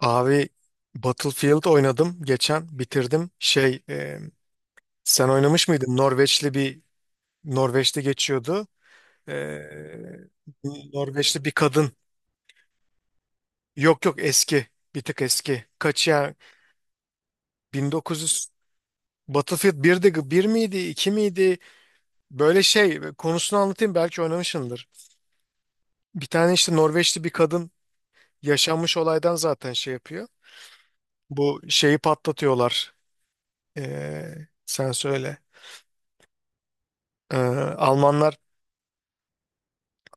Abi, Battlefield oynadım geçen, bitirdim. Sen oynamış mıydın? Norveçli bir Norveç'te geçiyordu. E, Norveçli bir kadın. Yok yok, eski. Bir tık eski. Kaç ya? 1900 Battlefield 1'di, bir miydi, 2 miydi? Böyle konusunu anlatayım, belki oynamışsındır. Bir tane işte Norveçli bir kadın, yaşanmış olaydan zaten şey yapıyor. Bu şeyi patlatıyorlar. E, Sen söyle. E, Almanlar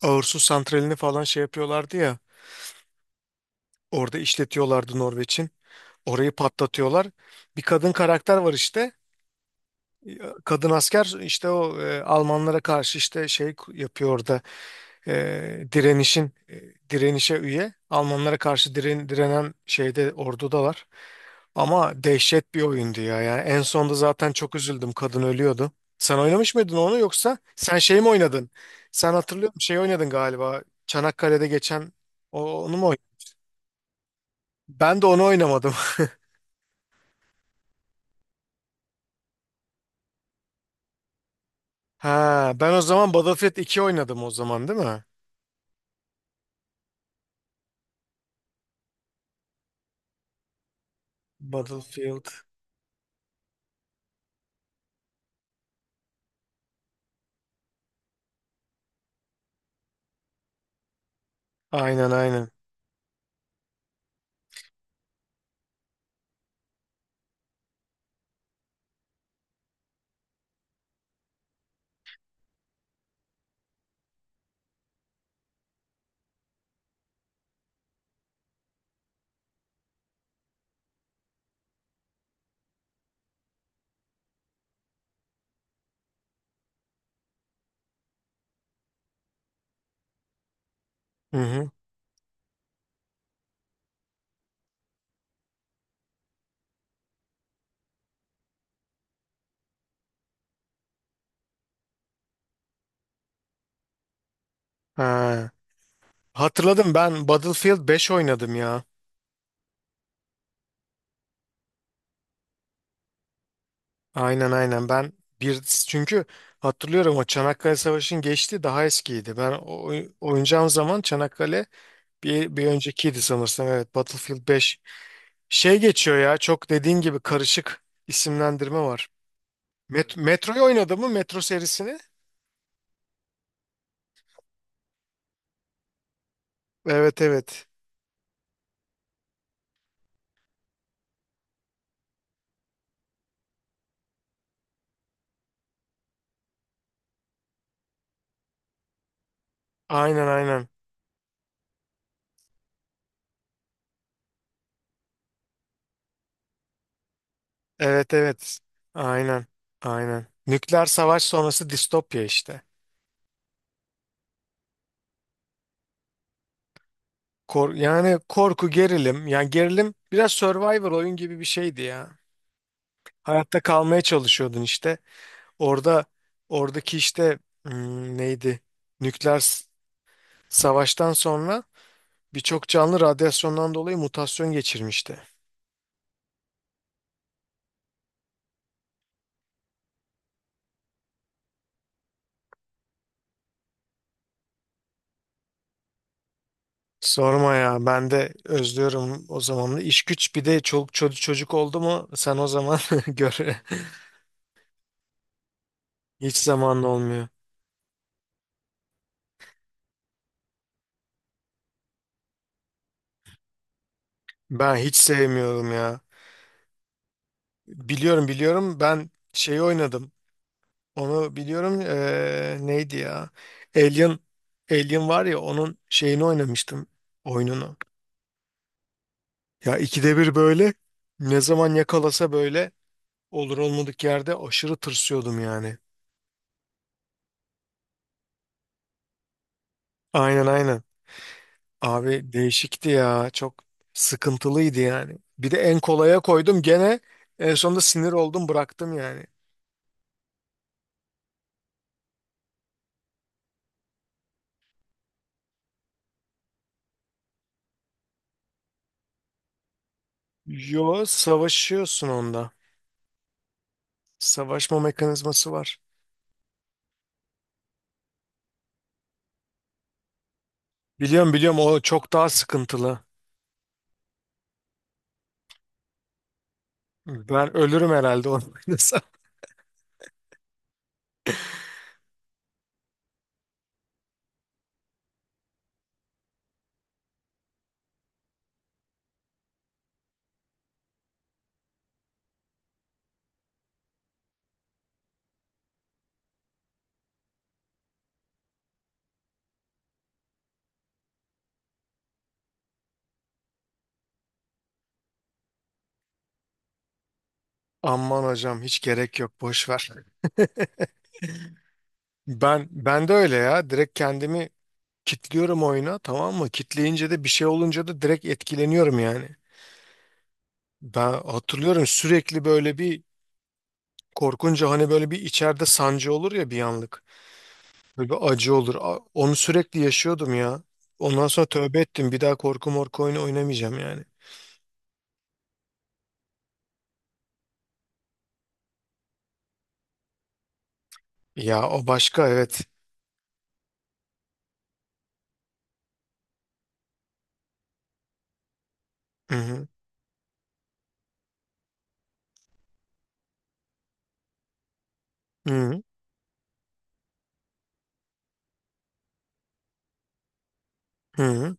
Ağırsu santralini falan şey yapıyorlardı ya. Orada işletiyorlardı Norveç'in. Orayı patlatıyorlar. Bir kadın karakter var işte. Kadın asker işte o, Almanlara karşı işte şey yapıyor orada. e, direnişin e, Direnişe üye. Almanlara karşı direnen şeyde, orduda var. Ama dehşet bir oyundu ya. Yani en sonda zaten çok üzüldüm. Kadın ölüyordu. Sen oynamış mıydın onu, yoksa sen şey mi oynadın? Sen hatırlıyorum şey oynadın galiba. Çanakkale'de geçen, onu mu oynadın? Ben de onu oynamadım. Ha, ben o zaman Battlefield 2 oynadım, o zaman değil mi? Battlefield. Aynen aynen. Hı hı. Ha. Hatırladım, ben Battlefield 5 oynadım ya. Aynen aynen. Ben bir çünkü hatırlıyorum, o Çanakkale Savaşı'nın geçti, daha eskiydi. Ben oynayacağım zaman Çanakkale bir öncekiydi sanırsam, evet, Battlefield 5. Şey geçiyor ya, çok dediğin gibi karışık isimlendirme var. Evet. Metro'yu oynadı mı, Metro serisini? Evet evet, aynen aynen, evet evet, aynen aynen. Nükleer savaş sonrası distopya işte. Yani korku gerilim, yani gerilim, biraz Survivor oyun gibi bir şeydi ya. Hayatta kalmaya çalışıyordun işte. Orada Oradaki işte, neydi? Nükleer s- savaştan sonra birçok canlı radyasyondan dolayı mutasyon geçirmişti. Sorma ya, ben de özlüyorum o zamanı. İş güç, bir de çoluk çocuk oldu mu sen o zaman gör, hiç zamanın olmuyor. Ben hiç sevmiyorum ya. Biliyorum biliyorum, ben şey oynadım. Onu biliyorum. Neydi ya? Alien, Alien var ya, onun şeyini oynamıştım. Oyununu. Ya ikide bir böyle, ne zaman yakalasa böyle, olur olmadık yerde aşırı tırsıyordum yani. Aynen aynen. Abi değişikti ya. Çok sıkıntılıydı yani. Bir de en kolaya koydum, gene en sonunda sinir oldum, bıraktım yani. Yo, savaşıyorsun onda. Savaşma mekanizması var. Biliyorum biliyorum, o çok daha sıkıntılı. Ben ölürüm herhalde onu oynasam. Aman hocam, hiç gerek yok, boş ver. Ben de öyle ya, direkt kendimi kitliyorum oyuna, tamam mı? Kitleyince de, bir şey olunca da direkt etkileniyorum yani. Ben hatırlıyorum, sürekli böyle bir, korkunca hani böyle bir içeride sancı olur ya bir anlık. Böyle bir acı olur. Onu sürekli yaşıyordum ya. Ondan sonra tövbe ettim. Bir daha korku morku oyunu oynamayacağım yani. Ya o başka, evet. Hı hı. Hı hı.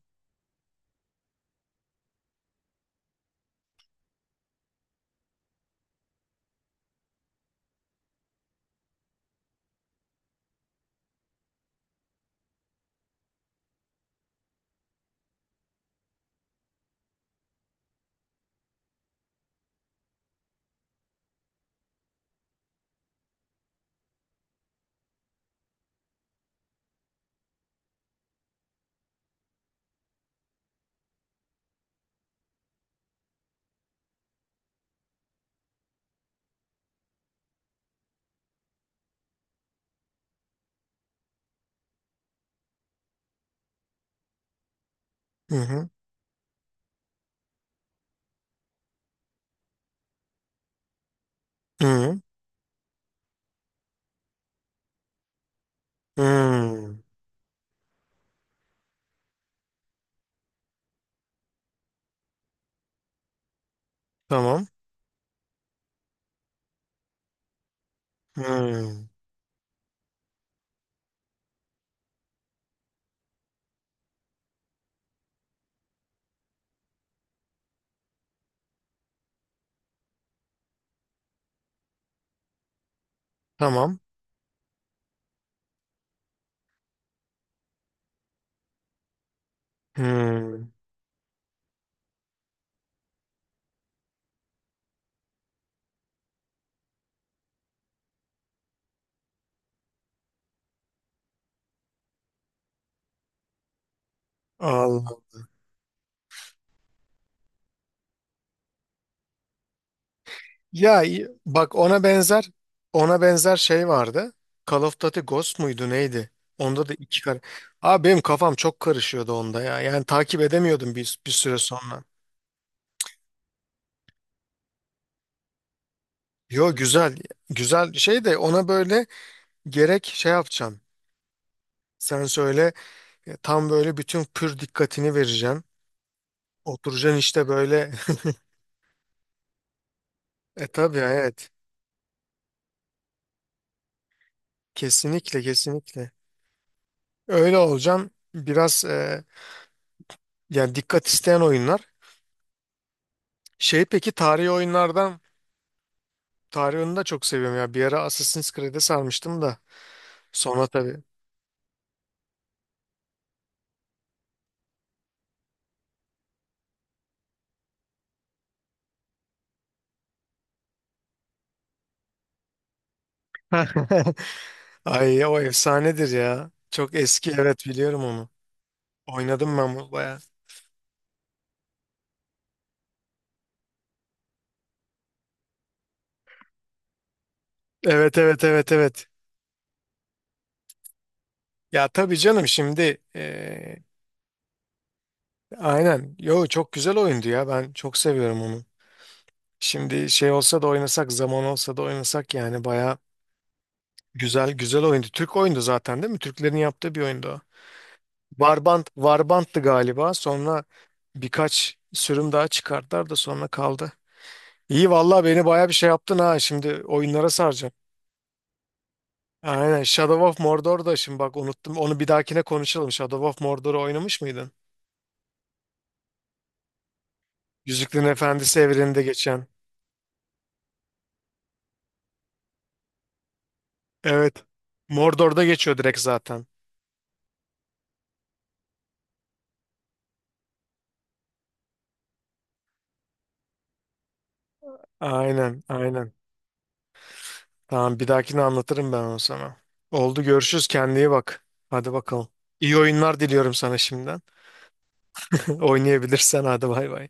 Hı hı. Hı hı. Hı hı. Hı. Tamam. Hmm, Tamam. Hmm. Allah. Bak ona benzer, ona benzer şey vardı. Call of Duty Ghost muydu, neydi? Onda da iki kar. Abi benim kafam çok karışıyordu onda ya. Yani takip edemiyordum bir süre sonra. Yo, güzel. Güzel şey de, ona böyle gerek şey yapacaksın. Sen söyle, tam böyle bütün pür dikkatini vereceksin. Oturacaksın işte böyle. E tabii, evet. Kesinlikle kesinlikle. Öyle olacaksın. Yani dikkat isteyen oyunlar. Şey, peki tarihi oyunlardan, tarihi oyunu da çok seviyorum ya. Bir ara Assassin's Creed'e sarmıştım da, sonra tabii. Ay o efsanedir ya. Çok eski, evet, biliyorum onu. Oynadım ben bunu bayağı. Evet evet evet evet. Ya tabii canım şimdi, aynen. Yo çok güzel oyundu ya, ben çok seviyorum onu. Şimdi şey olsa da oynasak, zaman olsa da oynasak, yani bayağı güzel güzel oyundu. Türk oyundu zaten değil mi? Türklerin yaptığı bir oyundu o. Varbant'tı galiba. Sonra birkaç sürüm daha çıkarttılar da sonra kaldı. İyi vallahi, beni baya bir şey yaptın ha. Şimdi oyunlara saracağım. Aynen, Shadow of Mordor da şimdi bak unuttum. Onu bir dahakine konuşalım. Shadow of Mordor'u oynamış mıydın? Yüzüklerin Efendisi evreninde geçen. Evet. Mordor'da geçiyor direkt zaten. Aynen, aynen. Tamam, bir dahakine anlatırım ben onu sana. Oldu, görüşürüz, kendine iyi bak. Hadi bakalım. İyi oyunlar diliyorum sana şimdiden. Oynayabilirsen, hadi bay bay.